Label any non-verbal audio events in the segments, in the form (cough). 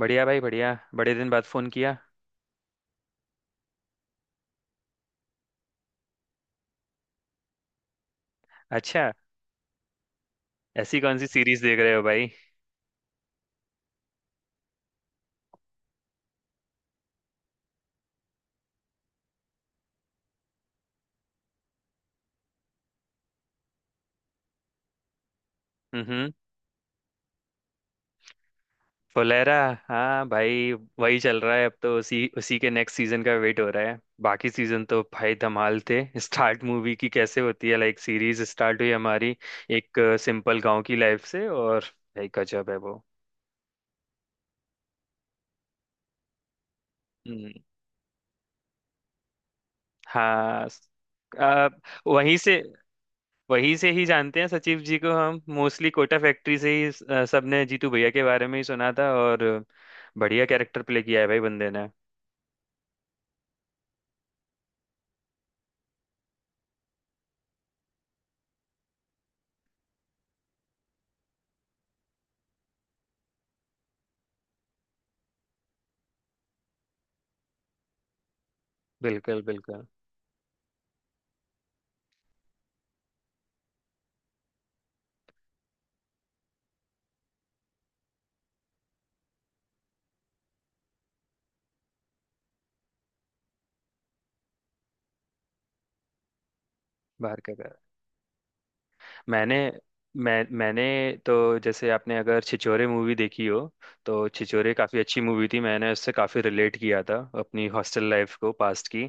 बढ़िया भाई बढ़िया, बड़े दिन बाद फोन किया। अच्छा। ऐसी कौन सी सीरीज देख रहे हो भाई? हम्म। फुलेरा। हाँ भाई। वही चल रहा है, अब तो उसी उसी के नेक्स्ट सीजन का वेट हो रहा है। बाकी सीजन तो भाई धमाल थे। स्टार्ट मूवी की कैसे होती है, लाइक सीरीज स्टार्ट हुई हमारी एक सिंपल गांव की लाइफ से, और भाई गजब है वो। हम्म। हाँ। आ, वहीं से वहीं से ही जानते हैं सचिव जी को, हम मोस्टली कोटा फैक्ट्री से ही। सबने जीतू भैया के बारे में ही सुना था, और बढ़िया कैरेक्टर प्ले किया है भाई बंदे ने। बिल्कुल बिल्कुल। बाहर का। मैंने मैंने तो, जैसे आपने अगर छिछोरे मूवी देखी हो तो छिछोरे काफ़ी अच्छी मूवी थी, मैंने उससे काफ़ी रिलेट किया था अपनी हॉस्टल लाइफ को, पास्ट की।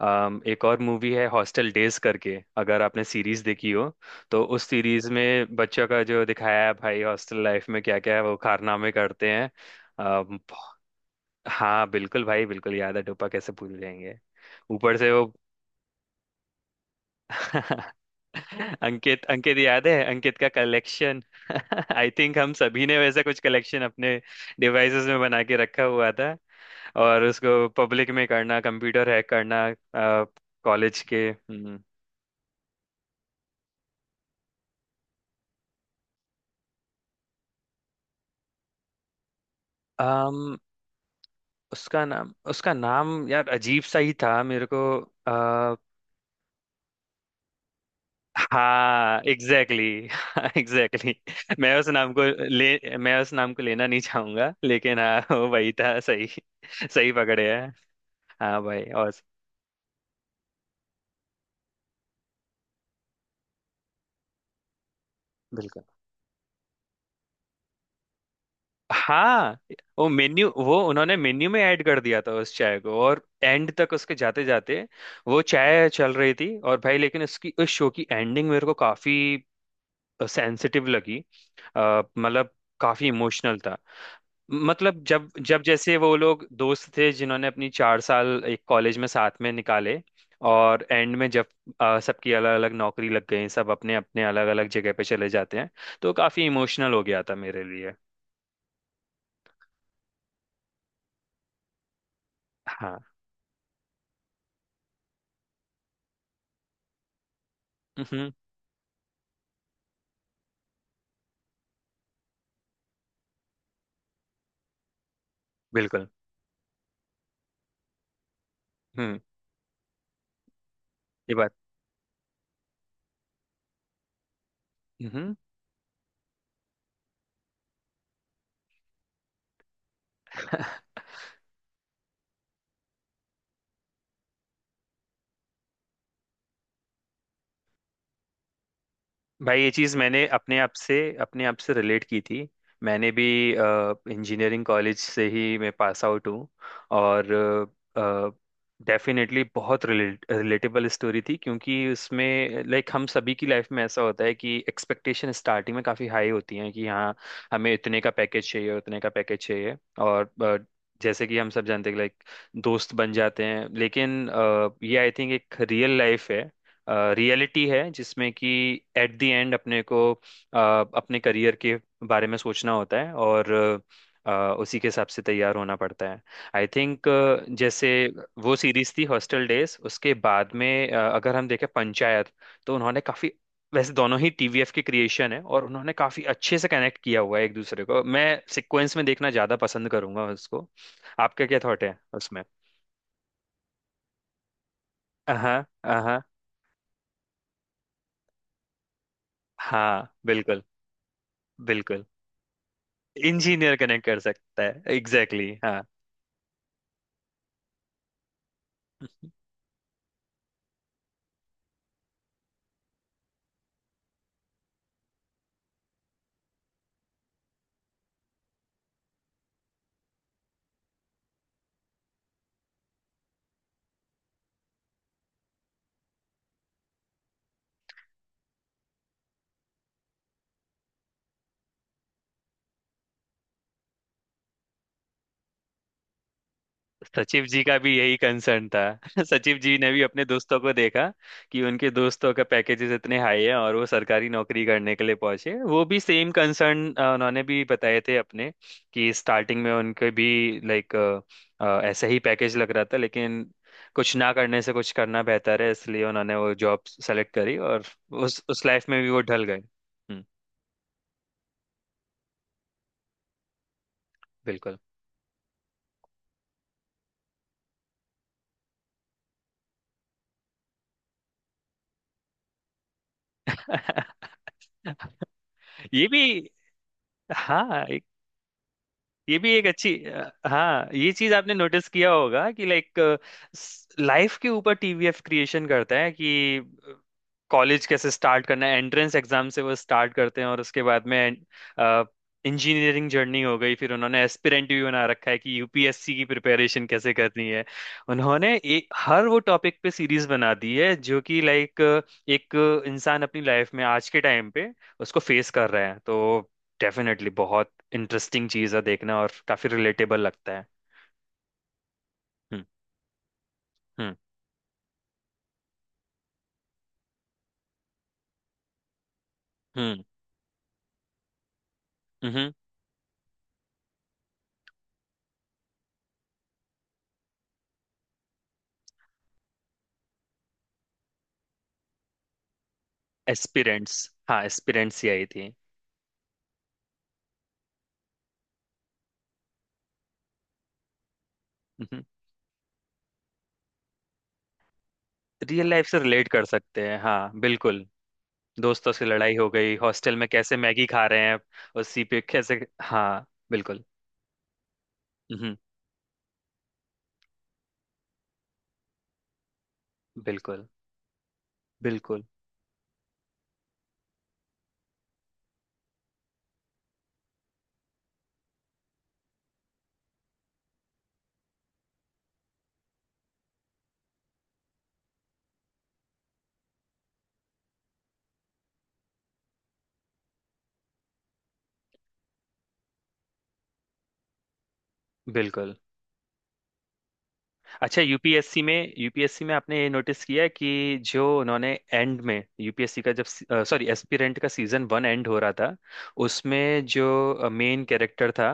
एक और मूवी है हॉस्टल डेज करके, अगर आपने सीरीज देखी हो तो उस सीरीज में बच्चों का जो दिखाया है भाई, हॉस्टल लाइफ में क्या क्या है वो कारनामे करते हैं। अम, हाँ बिल्कुल भाई, बिल्कुल याद है, टोपा कैसे भूल जाएंगे। ऊपर से वो (laughs) अंकित अंकित याद है, अंकित का कलेक्शन। (laughs) आई थिंक हम सभी ने वैसा कुछ कलेक्शन अपने डिवाइसेस में बना के रखा हुआ था, और उसको पब्लिक में करना, कंप्यूटर हैक करना कॉलेज के। हम्म। अम, उसका नाम यार अजीब सा ही था मेरे को। अ, हाँ एग्जैक्टली। (laughs) एग्जैक्टली। मैं उस नाम को मैं उस नाम को लेना नहीं चाहूंगा, लेकिन हाँ वो वही था सही। सही पकड़े। हाँ भाई, और। बिल्कुल। हाँ वो उन्होंने मेन्यू में ऐड कर दिया था उस चाय को, और एंड तक उसके जाते जाते वो चाय चल रही थी। और भाई, लेकिन उसकी उस शो की एंडिंग मेरे को काफी सेंसिटिव लगी। मतलब काफी इमोशनल था। मतलब जब जब जैसे वो लोग दोस्त थे जिन्होंने अपनी 4 साल एक कॉलेज में साथ में निकाले, और एंड में जब सबकी अलग अलग नौकरी लग गई, सब अपने अपने अलग अलग जगह पे चले जाते हैं, तो काफी इमोशनल हो गया था मेरे लिए। हाँ। हम्म। बिल्कुल। हम्म। ये बात। हम्म। (laughs) भाई ये चीज़ मैंने अपने आप से रिलेट की थी। मैंने भी इंजीनियरिंग कॉलेज से ही मैं पास आउट हूँ, और डेफिनेटली बहुत रिलेटेबल स्टोरी थी, क्योंकि उसमें लाइक हम सभी की लाइफ में ऐसा होता है कि एक्सपेक्टेशन स्टार्टिंग में काफ़ी हाई होती है, कि हाँ हमें इतने का पैकेज चाहिए, उतने का पैकेज चाहिए। और जैसे कि हम सब जानते हैं, लाइक दोस्त बन जाते हैं, लेकिन ये आई थिंक एक रियल लाइफ है, रियलिटी है, जिसमें कि एट द एंड अपने को अपने करियर के बारे में सोचना होता है, और अ, उसी के हिसाब से तैयार होना पड़ता है आई थिंक। जैसे वो सीरीज थी हॉस्टल डेज, उसके बाद में अगर हम देखें पंचायत, तो उन्होंने काफी, वैसे दोनों ही टीवीएफ के क्रिएशन है और उन्होंने काफी अच्छे से कनेक्ट किया हुआ है एक दूसरे को, मैं सिक्वेंस में देखना ज्यादा पसंद करूंगा उसको। आपका क्या थॉट है उसमें? हाँ। हाँ। हाँ। बिल्कुल। बिल्कुल, इंजीनियर कनेक्ट कर सकता है, एग्जैक्टली exactly, हाँ। सचिव जी का भी यही कंसर्न था। (laughs) सचिव जी ने भी अपने दोस्तों को देखा, कि उनके दोस्तों का पैकेजेस इतने हाई है, और वो सरकारी नौकरी करने के लिए पहुंचे, वो भी सेम कंसर्न। उन्होंने भी बताए थे अपने कि स्टार्टिंग में उनके भी लाइक ऐसा ही पैकेज लग रहा था, लेकिन कुछ ना करने से कुछ करना बेहतर है, इसलिए उन्होंने वो जॉब सेलेक्ट करी, और उस लाइफ में भी वो ढल गए। हम्म। बिल्कुल। (laughs) ये भी, हाँ ये भी एक अच्छी हाँ, ये चीज आपने नोटिस किया होगा कि लाइक लाइफ के ऊपर टीवीएफ क्रिएशन करता है कि कॉलेज कैसे स्टार्ट करना है, एंट्रेंस एग्जाम से वो स्टार्ट करते हैं और उसके बाद में इंजीनियरिंग जर्नी हो गई, फिर उन्होंने एस्पिरेंट भी बना रखा है कि यूपीएससी की प्रिपरेशन कैसे करनी है। उन्होंने हर वो टॉपिक पे सीरीज बना दी है जो कि लाइक एक इंसान अपनी लाइफ में आज के टाइम पे उसको फेस कर रहा है, तो डेफिनेटली बहुत इंटरेस्टिंग चीज है देखना, और काफी रिलेटेबल लगता है। हम्म। हम्म। हम्म। हम्म। एस्पिरेंट्स। हाँ एस्पिरेंट्स ही आई थी। रियल लाइफ से रिलेट कर सकते हैं, हाँ बिल्कुल। दोस्तों से लड़ाई हो गई, हॉस्टल में कैसे मैगी खा रहे हैं, उसी पे कैसे, हाँ। बिल्कुल। हम्म। बिल्कुल। बिल्कुल। बिल्कुल। अच्छा, यूपीएससी में आपने ये नोटिस किया है, कि जो उन्होंने एंड में यूपीएससी का, जब सॉरी एस्पिरेंट का सीजन वन एंड हो रहा था, उसमें जो मेन कैरेक्टर था,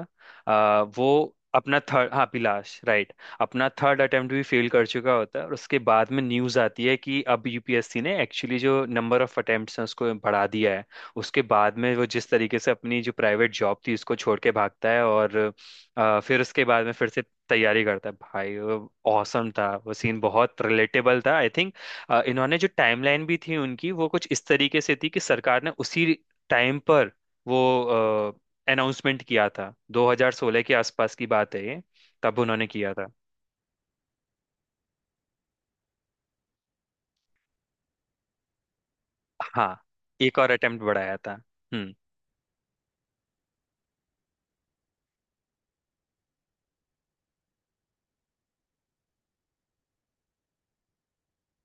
वो अपना थर्ड, हाँ अभिलाष राइट, अपना थर्ड अटेम्प्ट भी फेल कर चुका होता है, और उसके बाद में न्यूज़ आती है कि अब यूपीएससी ने एक्चुअली जो नंबर ऑफ अटेम्प्ट्स हैं उसको बढ़ा दिया है। उसके बाद में वो जिस तरीके से अपनी जो प्राइवेट जॉब थी उसको छोड़ के भागता है, और फिर उसके बाद में फिर से तैयारी करता है भाई। वो औसम था, वो सीन बहुत रिलेटेबल था आई थिंक। इन्होंने जो टाइमलाइन भी थी उनकी, वो कुछ इस तरीके से थी कि सरकार ने उसी टाइम पर वो अनाउंसमेंट किया था, 2016 के आसपास की बात है ये, तब उन्होंने किया था। हाँ एक और अटेम्प्ट बढ़ाया था। हम्म।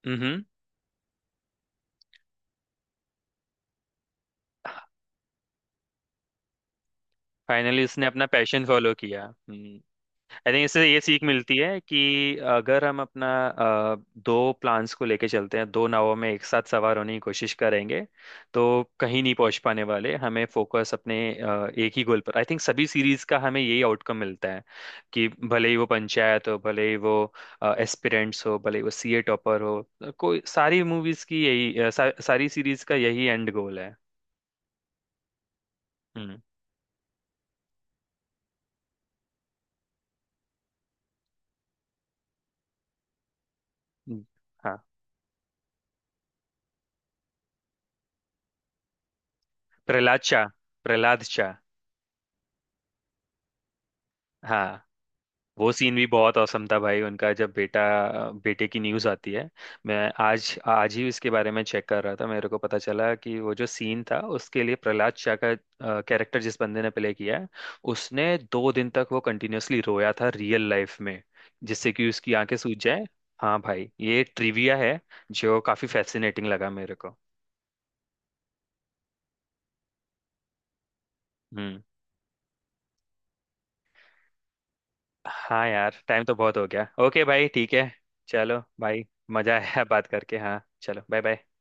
हम्म। फाइनली उसने अपना पैशन फॉलो किया। हम्म। आई थिंक इससे ये सीख मिलती है कि अगर हम अपना दो प्लान्स को लेके चलते हैं, दो नावों में एक साथ सवार होने की कोशिश करेंगे, तो कहीं नहीं पहुंच पाने वाले। हमें फोकस अपने एक ही गोल पर, आई थिंक सभी सीरीज का हमें यही आउटकम मिलता है, कि भले ही वो पंचायत हो, भले ही वो एस्पिरेंट्स हो, भले ही वो सीए टॉपर हो, कोई सारी मूवीज की यही सारी सीरीज का यही एंड गोल है। हम्म। हम्म, हाँ। प्रहलाद शाह, प्रहलाद शाह। हाँ वो सीन भी बहुत औसम था भाई उनका, जब बेटा बेटे की न्यूज़ आती है। मैं आज आज ही इसके बारे में चेक कर रहा था, मेरे को पता चला कि वो जो सीन था उसके लिए प्रहलाद शाह का कैरेक्टर जिस बंदे ने प्ले किया है, उसने 2 दिन तक वो कंटिन्यूअसली रोया था रियल लाइफ में, जिससे कि उसकी आंखें सूज जाए। हाँ भाई ये ट्रिविया है, जो काफी फैसिनेटिंग लगा मेरे को। हम्म। हाँ यार, टाइम तो बहुत हो गया, ओके भाई ठीक है। चलो भाई। मजा आया (laughs) बात करके, हाँ चलो बाय बाय।